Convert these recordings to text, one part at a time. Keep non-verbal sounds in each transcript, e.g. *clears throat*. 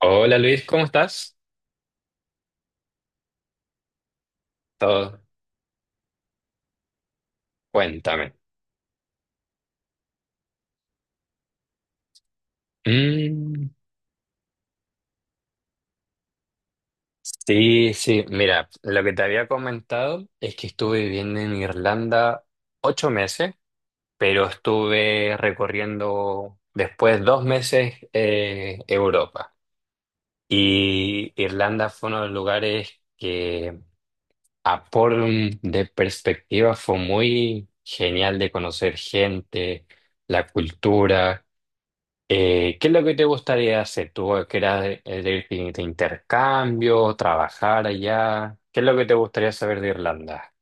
Hola Luis, ¿cómo estás? Todo. Cuéntame. Mm, sí, sí, mira, lo que te había comentado es que estuve viviendo en Irlanda 8 meses, pero estuve recorriendo después 2 meses Europa. Y Irlanda fue uno de los lugares que a por de perspectiva fue muy genial de conocer gente, la cultura. ¿Qué es lo que te gustaría hacer? ¿Tú querías de ir de intercambio, trabajar allá? ¿Qué es lo que te gustaría saber de Irlanda?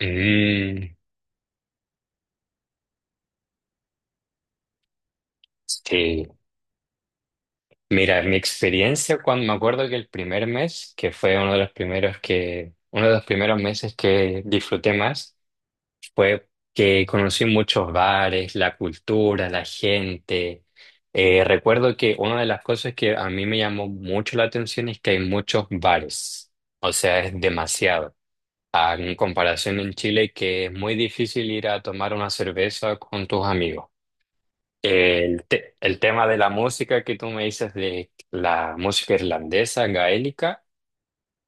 Mm, sí. Mira, mi experiencia cuando me acuerdo que el primer mes, que fue uno de los primeros que, uno de los primeros meses que disfruté más, fue que conocí muchos bares, la cultura, la gente. Recuerdo que una de las cosas que a mí me llamó mucho la atención es que hay muchos bares. O sea, es demasiado. Ah, en comparación en Chile, que es muy difícil ir a tomar una cerveza con tus amigos. El tema de la música que tú me dices de la música irlandesa, gaélica,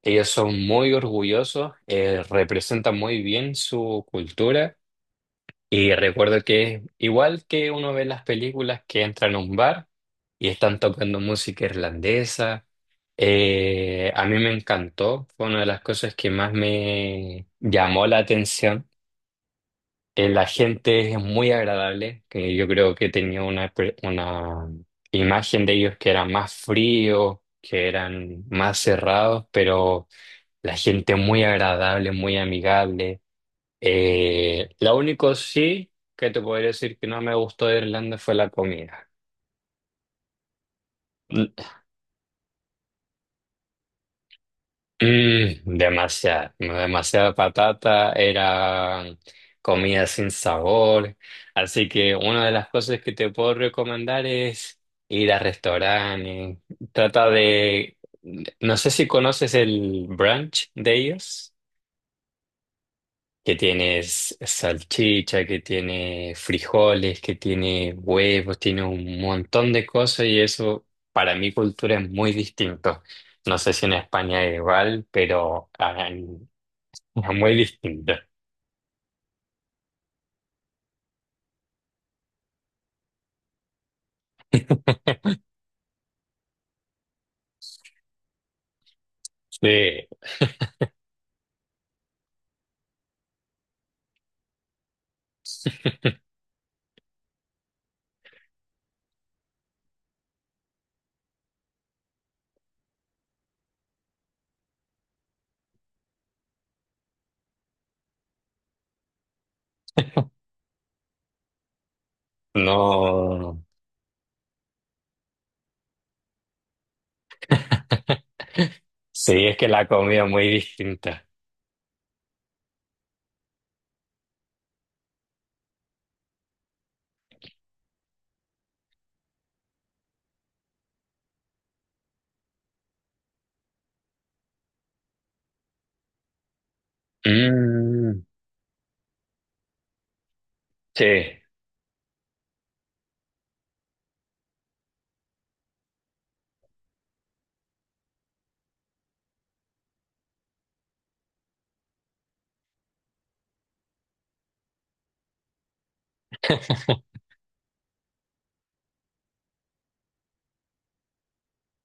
ellos son muy orgullosos, representan muy bien su cultura. Y recuerdo que igual que uno ve las películas que entran a un bar y están tocando música irlandesa. A mí me encantó, fue una de las cosas que más me llamó la atención. La gente es muy agradable, que yo creo que tenía una imagen de ellos que eran más fríos, que eran más cerrados, pero la gente muy agradable, muy amigable. Lo único sí que te podría decir que no me gustó de Irlanda fue la comida. Mm, mm, demasiada patata, era comida sin sabor. Así que una de las cosas que te puedo recomendar es ir a restaurantes. Trata de, no sé si conoces el brunch de ellos, que tienes salchicha, que tiene frijoles, que tiene huevos, tiene un montón de cosas y eso para mi cultura es muy distinto. No sé si en España es igual, pero es muy distinto. Sí, *laughs* no. *laughs* Sí, es que la comida es muy distinta. Mm, sí,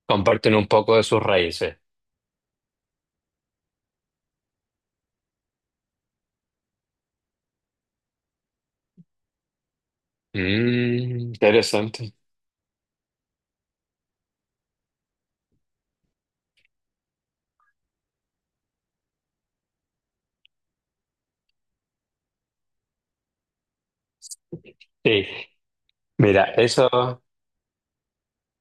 comparten un poco de sus raíces. Mm, interesante. Sí, mira, eso.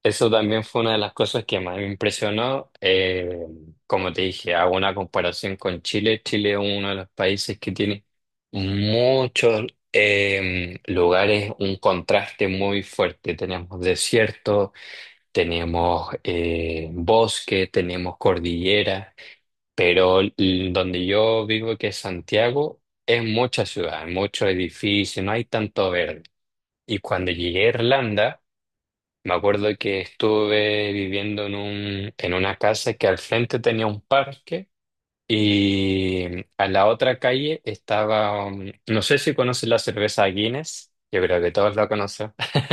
Eso también fue una de las cosas que más me impresionó. Como te dije, hago una comparación con Chile. Chile es uno de los países que tiene muchos lugares, un contraste muy fuerte. Tenemos desierto, tenemos bosque, tenemos cordillera, pero donde yo vivo, que es Santiago, es mucha ciudad, hay muchos edificios, no hay tanto verde. Y cuando llegué a Irlanda, me acuerdo que estuve viviendo en en una casa que al frente tenía un parque y a la otra calle estaba, no sé si conoces la cerveza Guinness, yo creo que todos la conocen. *laughs*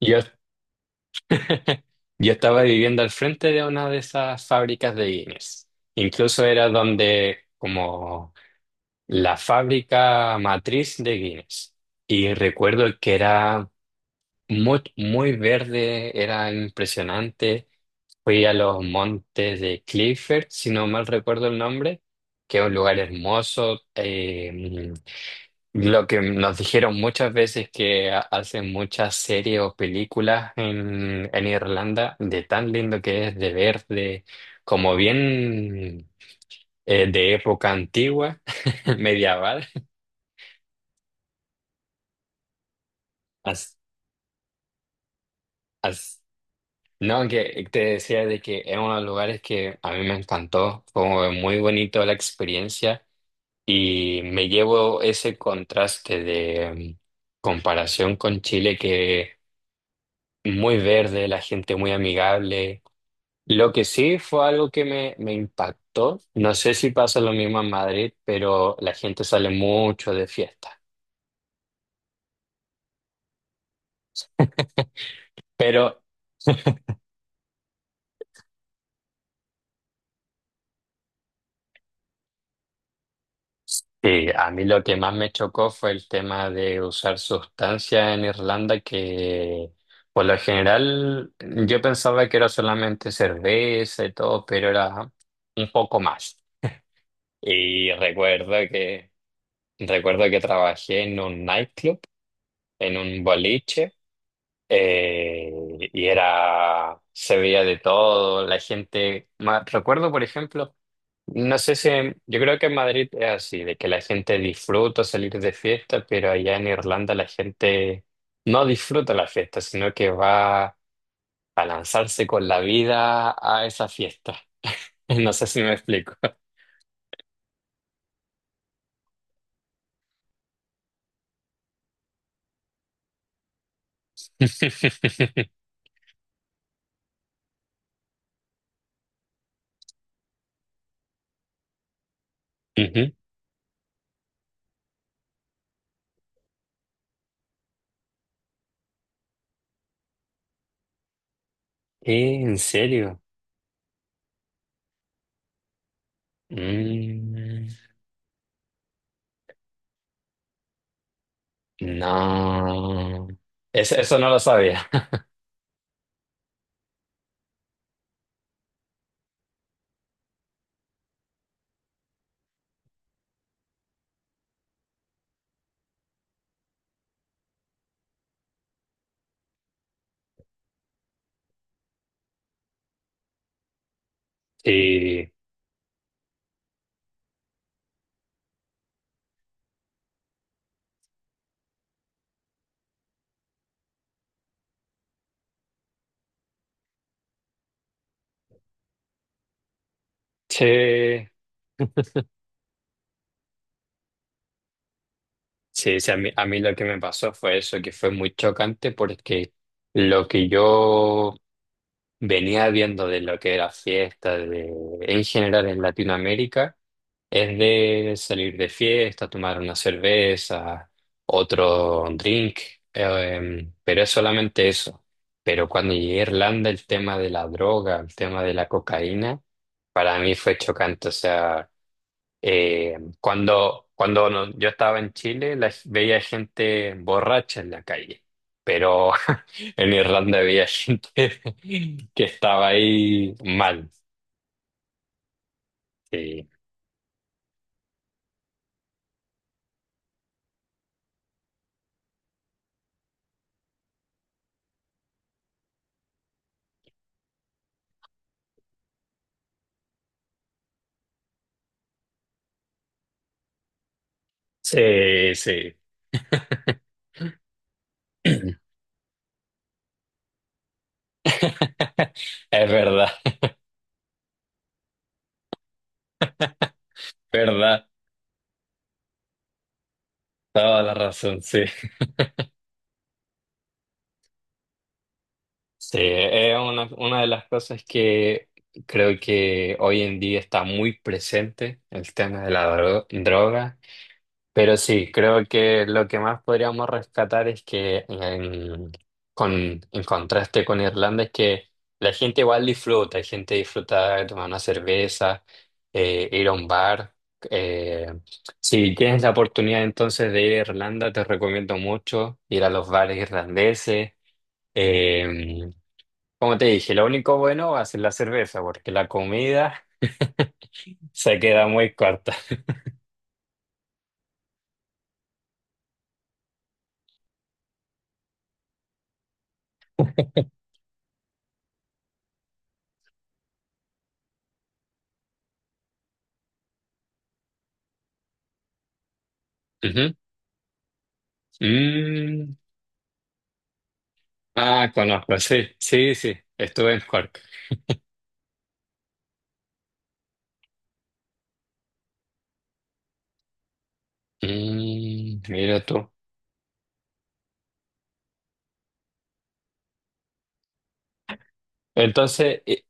Yo, yo estaba viviendo al frente de una de esas fábricas de Guinness. Incluso era donde como la fábrica matriz de Guinness. Y recuerdo que era muy, muy verde, era impresionante. Fui a los montes de Clifford, si no mal recuerdo el nombre, que es un lugar hermoso. Lo que nos dijeron muchas veces que hacen muchas series o películas en Irlanda, de tan lindo que es de ver, de como bien, de época antigua, *laughs* medieval. As- as- no, que te decía de que es uno de los lugares que a mí me encantó, fue muy bonito la experiencia. Y me llevo ese contraste de comparación con Chile que muy verde, la gente muy amigable. Lo que sí fue algo que me impactó, no sé si pasa lo mismo en Madrid, pero la gente sale mucho de fiesta. Pero sí, a mí lo que más me chocó fue el tema de usar sustancias en Irlanda que... Por lo general, yo pensaba que era solamente cerveza y todo, pero era un poco más. Y recuerdo que, recuerdo que trabajé en un nightclub, en un boliche, eh, y era, se veía de todo, la gente, recuerdo por ejemplo, no sé si, yo creo que en Madrid es así, de que la gente disfruta salir de fiesta, pero allá en Irlanda la gente no disfruta la fiesta, sino que va a lanzarse con la vida a esa fiesta. *laughs* No sé si me explico. *laughs* Ujú. ¿En serio? Mm, no. Es- eso no lo sabía. *laughs* Sí, sí, sí, sí, a mí lo que me pasó fue eso, que fue muy chocante porque lo que yo venía viendo de lo que era fiesta, en general en Latinoamérica, es de salir de fiesta, tomar una cerveza, otro drink, pero es solamente eso. Pero cuando llegué a Irlanda, el tema de la droga, el tema de la cocaína. Para mí fue chocante, o sea, cuando yo estaba en Chile veía gente borracha en la calle, pero *laughs* en Irlanda veía gente *laughs* que estaba ahí mal. Sí, sí, sí. *laughs* *clears throat* Es verdad, verdad, toda la razón, sí. Sí, es una de las cosas que creo que hoy en día está muy presente, el tema de la droga. Pero sí, creo que lo que más podríamos rescatar es que con, en contraste con Irlanda es que la gente igual disfruta, hay gente disfruta de tomar una cerveza, ir a un bar. eh, si tienes la oportunidad entonces de ir a Irlanda, te recomiendo mucho ir a los bares irlandeses. Eh, como te dije, lo único bueno va a ser la cerveza, porque la comida *laughs* se queda muy corta. Ujú. Mm. Ah, conozco, sí, sí, sí, estuve en Cork. Mm, mira tú. Entonces,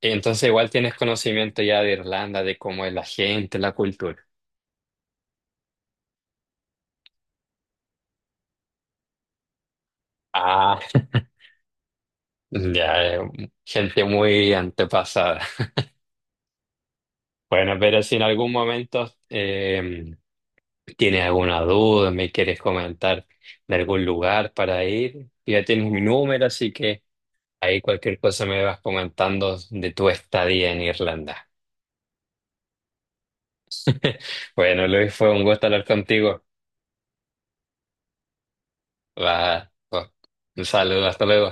entonces igual tienes conocimiento ya de Irlanda, de cómo es la gente, la cultura. Ah, ya, gente muy antepasada. *laughs* Bueno, pero si en algún momento, tienes alguna duda, me quieres comentar de algún lugar para ir, ya tienes mi número, así que ahí cualquier cosa me vas comentando de tu estadía en Irlanda. *laughs* Bueno, Luis, fue un gusto hablar contigo. Va, va. Un saludo, hasta luego.